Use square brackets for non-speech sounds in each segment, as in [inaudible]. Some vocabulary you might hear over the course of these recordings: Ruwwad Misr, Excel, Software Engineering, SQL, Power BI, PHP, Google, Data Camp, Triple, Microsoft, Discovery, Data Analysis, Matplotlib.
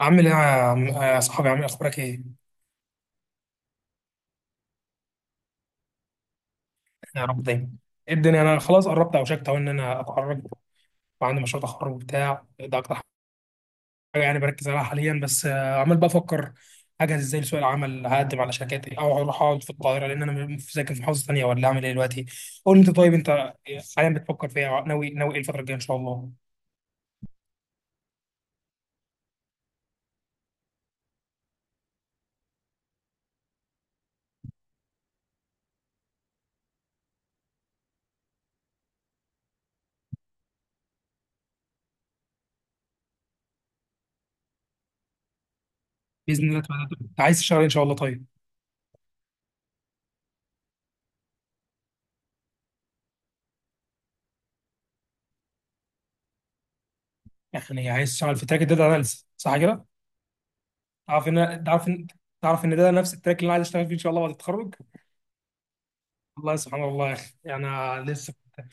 عامل ايه يا عم، يا صاحبي عامل إيه؟ اخبارك ايه؟ يا رب دايما. ايه الدنيا، انا خلاص قربت اوشكت اهو ان انا اتخرج، وعندي مشروع تخرج وبتاع، ده اكتر حاجه يعني بركز عليها حاليا. بس عمال بفكر اجهز ازاي لسوق العمل، هقدم على شركات ايه، او اروح اقعد في القاهره لان انا ساكن في محافظه ثانيه، ولا اعمل ايه دلوقتي. قول لي انت، طيب انت حاليا بتفكر في ايه؟ اه، ناوي ايه الفتره الجايه ان شاء الله؟ باذن الله تعالى. انت عايز تشتغل إيه ان شاء الله طيب؟ يعني عايز تشتغل في تراك الداتا اناليسيس صح كده؟ تعرف ان تعرف ان تعرف ان ده نفس التراك اللي انا عايز اشتغل فيه ان شاء الله بعد التخرج. والله سبحان الله يا اخي، يعني أنا لسه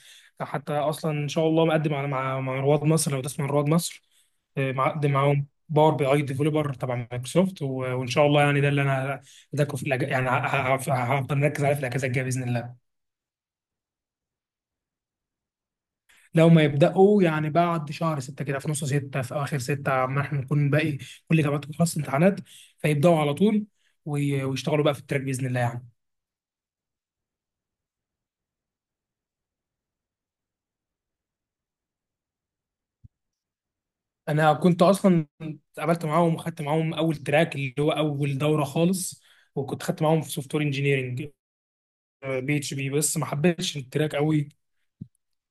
حتى اصلا ان شاء الله مقدم على، مع رواد مصر، لو تسمع عن رواد مصر. مقدم معاهم باور بي اي ديفلوبر تبع مايكروسوفت و- وان شاء الله يعني ده اللي انا هداكم في يعني هفضل مركز عليه في الاجازه الجايه باذن الله. لو ما يبداوا يعني بعد شهر ستة كده، في نص ستة، في اخر ستة، ما احنا نكون باقي كل جامعات خلاص امتحانات، فيبداوا على طول وي- ويشتغلوا بقى في التراك باذن الله يعني. انا كنت اصلا اتقابلت معاهم وخدت معاهم اول تراك اللي هو اول دوره خالص، وكنت خدت معاهم في سوفت وير انجينيرنج بي اتش بي، بس ما حبيتش التراك قوي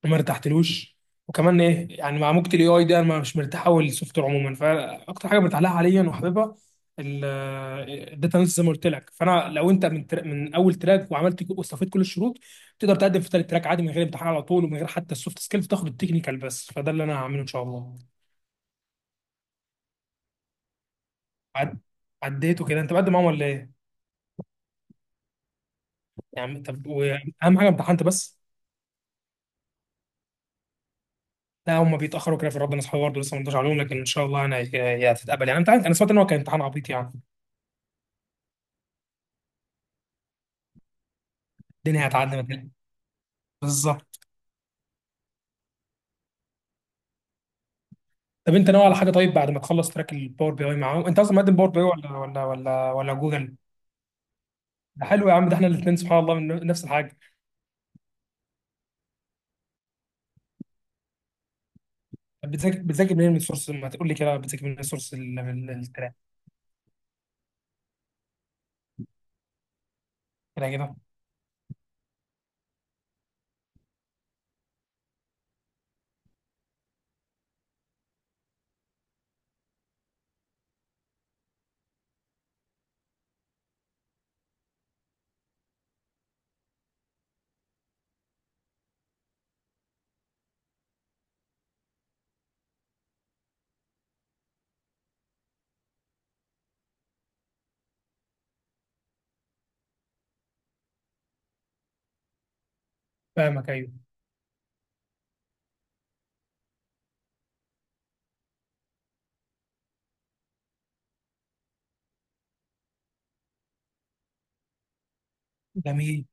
وما ارتحتلوش. وكمان ايه يعني، مع موجة الاي اي ده انا مش مرتاح قوي للسوفت وير عموما، فاكتر حاجه مرتاح لها حاليا وحاببها الداتا اناليسيس زي ما قلت لك. فانا لو انت من اول تراك وعملت واستفدت كل الشروط، تقدر تقدم في ثالث تراك عادي من غير امتحان على طول، ومن غير حتى السوفت سكيلز، تاخد التكنيكال بس. فده اللي انا هعمله ان شاء الله. عد... عديته كده؟ انت مقدم معاهم ولا ايه؟ يا عم طب واهم حاجه، امتحنت بس؟ لا هم بيتاخروا كده، في ربنا اصحابي برضه لسه ما ردوش عليهم، لكن ان شاء الله يعني هي هتتقبل يعني. انت عارف انا سمعت ان هو كان امتحان عبيط يعني. الدنيا هتعدي. بالظبط. طب انت ناوي على حاجه طيب بعد ما تخلص تراك الباور بي اي معاهم؟ انت اصلا مقدم باور بي اي ولا جوجل؟ ده حلو يا عم، ده احنا الاثنين سبحان الله من نفس الحاجه. طب بتذاكر منين؟ من سورس؟ ما تقول لي كده بتذاكر منين، من سورس التراك؟ كده كده. فاهمك ايوه. جميل.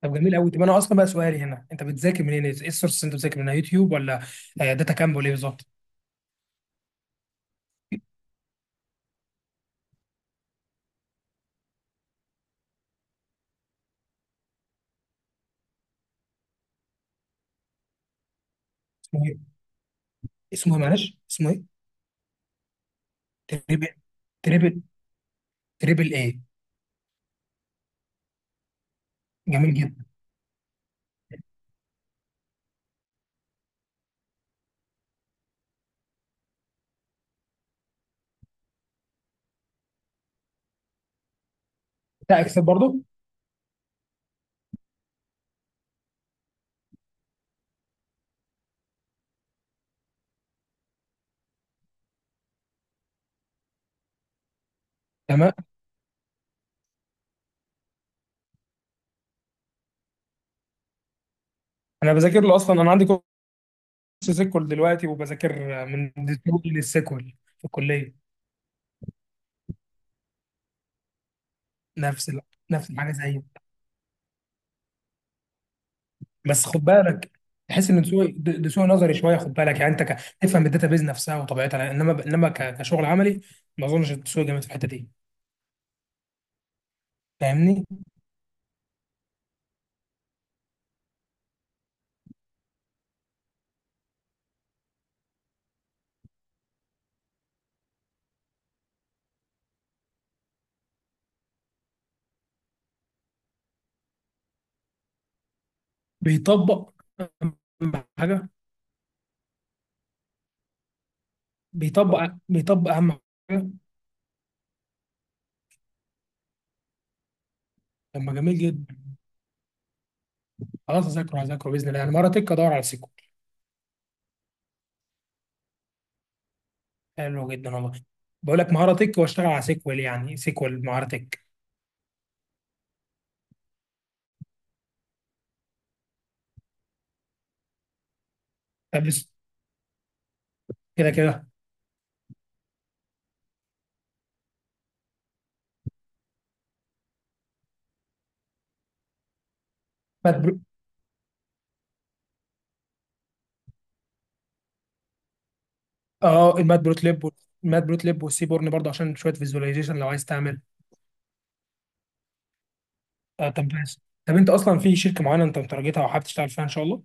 طب جميل قوي. طب انا اصلا بقى سؤالي هنا، انت بتذاكر منين؟ ايه السورس اللي انت بتذاكر منها، يوتيوب ولا داتا كامب ولا ايه بالظبط؟ اسمه ايه؟ اسمه ايه معلش؟ اسمه ايه؟ تريبل. تريبل. تريبل ايه؟ جميل جدا. بتاع اكسل برضه؟ تمام. انا بذاكر له اصلا، انا عندي كورس سيكول دلوقتي، وبذاكر من ديسكفري للسيكول في الكليه. نفس ال- نفس الحاجه زي. بس خد بالك، تحس ان سوق ده سوق نظري شويه، خد بالك يعني، انت تفهم الداتا بيز نفسها وطبيعتها، انما كشغل عملي ما اظنش السوق جامد في الحته دي. فاهمني؟ بيطبق أهم حاجه؟ بيطبق اهم حاجه. طب ما جميل جدا. خلاص هذاكره، باذن الله يعني. مهاره تك ادور على سيكوال؟ حلو جدا والله. بقول لك مهاره تك، واشتغل على سيكوال، يعني سيكوال مهاره تك. طب بس- كده كده. مات برو... اه المات بروت ليب المات بروت ليب والسيبورن برضه، عشان شويه فيزواليزيشن لو عايز تعمل. آه طب بس، طب انت اصلا في شركه معينه انت مترجتها وحابب تشتغل فيها ان شاء الله؟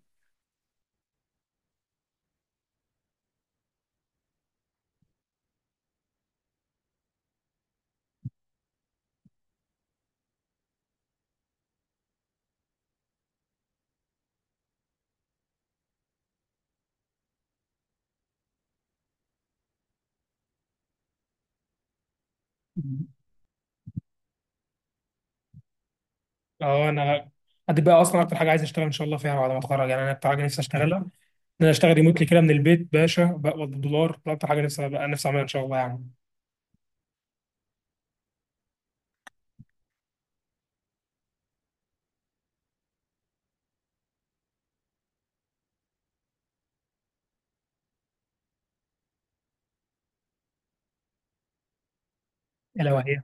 اه انا دي بقى اصلا اكتر حاجه عايز اشتغل ان شاء الله فيها بعد ما اتخرج، يعني انا اكتر حاجه نفسي اشتغلها ان انا اشتغل ريموتلي كده من البيت باشا، بقبض بالدولار، ده اكتر حاجه نفسي بقى نفسي اعملها ان شاء الله يعني. الا وهي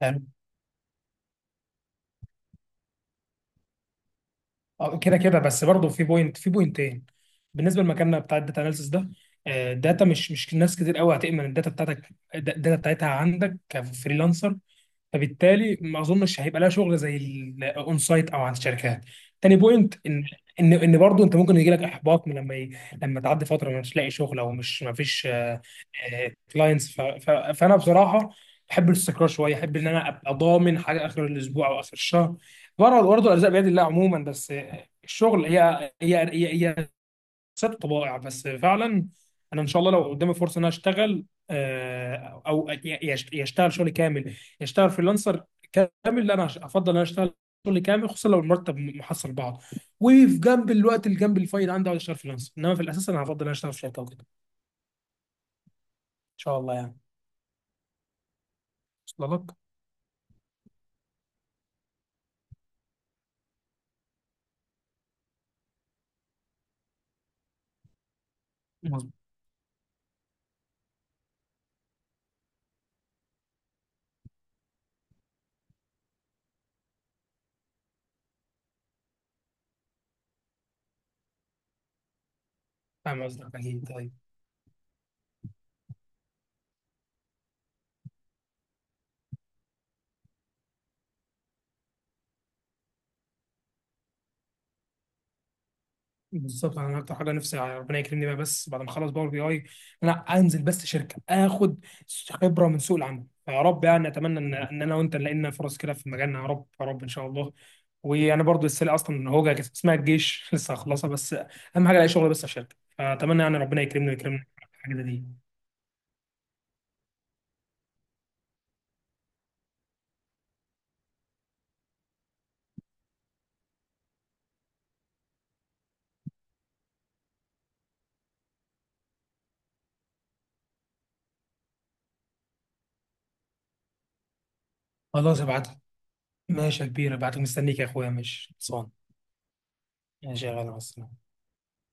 حلو. كده كده. بس برضه في بوينت، في بوينتين. بالنسبه لمكاننا بتاع الداتا اناليسيس ده، الداتا مش ناس كتير قوي هتامن الداتا بتاعتك، الداتا بتاعتها عندك كفريلانسر، فبالتالي ما اظنش هيبقى لها شغل زي الاون سايت او عند الشركات. تاني بوينت ان برضه انت ممكن يجي لك احباط من لما تعدي فتره مش لاقي شغل، او مش ما فيش كلاينتس. فانا بصراحه بحب الاستقرار شويه، احب ان انا ابقى ضامن حاجه اخر الاسبوع او اخر الشهر. برضه الارزاق بيد الله عموما، بس الشغل هي ست طبائع بس فعلا. انا ان شاء الله لو قدامي فرصه ان انا اشتغل، او يشتغل شغل كامل، يشتغل فريلانسر كامل، لا انا افضل ان انا اشتغل شغل كامل، خصوصا لو المرتب محصل بعض، وفي جنب الوقت اللي جنب الفايل عندي اقعد اشتغل فريلانسر. انما في الاساس انا هفضل ان انا اشتغل في شركه وكده ان شاء الله يعني. وصل لك؟ مظبوط. فاهم قصدك اكيد. طيب بالظبط، انا اكتر حاجه نفسي ربنا يكرمني بقى بس بعد ما اخلص باور بي اي، ان انا انزل بس شركه، اخد خبره من سوق العمل، فيا رب يعني اتمنى ان انا وانت نلاقي لنا فرص كده في مجالنا، يا رب يا رب ان شاء الله. وانا برضو لسه اصلا هوجه كانت اسمها الجيش [laughs] لسه هخلصها بس. اهم حاجه الاقي شغل بس في شركه، فاتمنى يعني ربنا يكرمني ويكرمني في الحاجه دي. خلاص ابعت لي. ماشي يا كبير، ابعت لي مستنيك يا اخويا، ماشي خلصان. ماشي يا غالي، مع السلامة.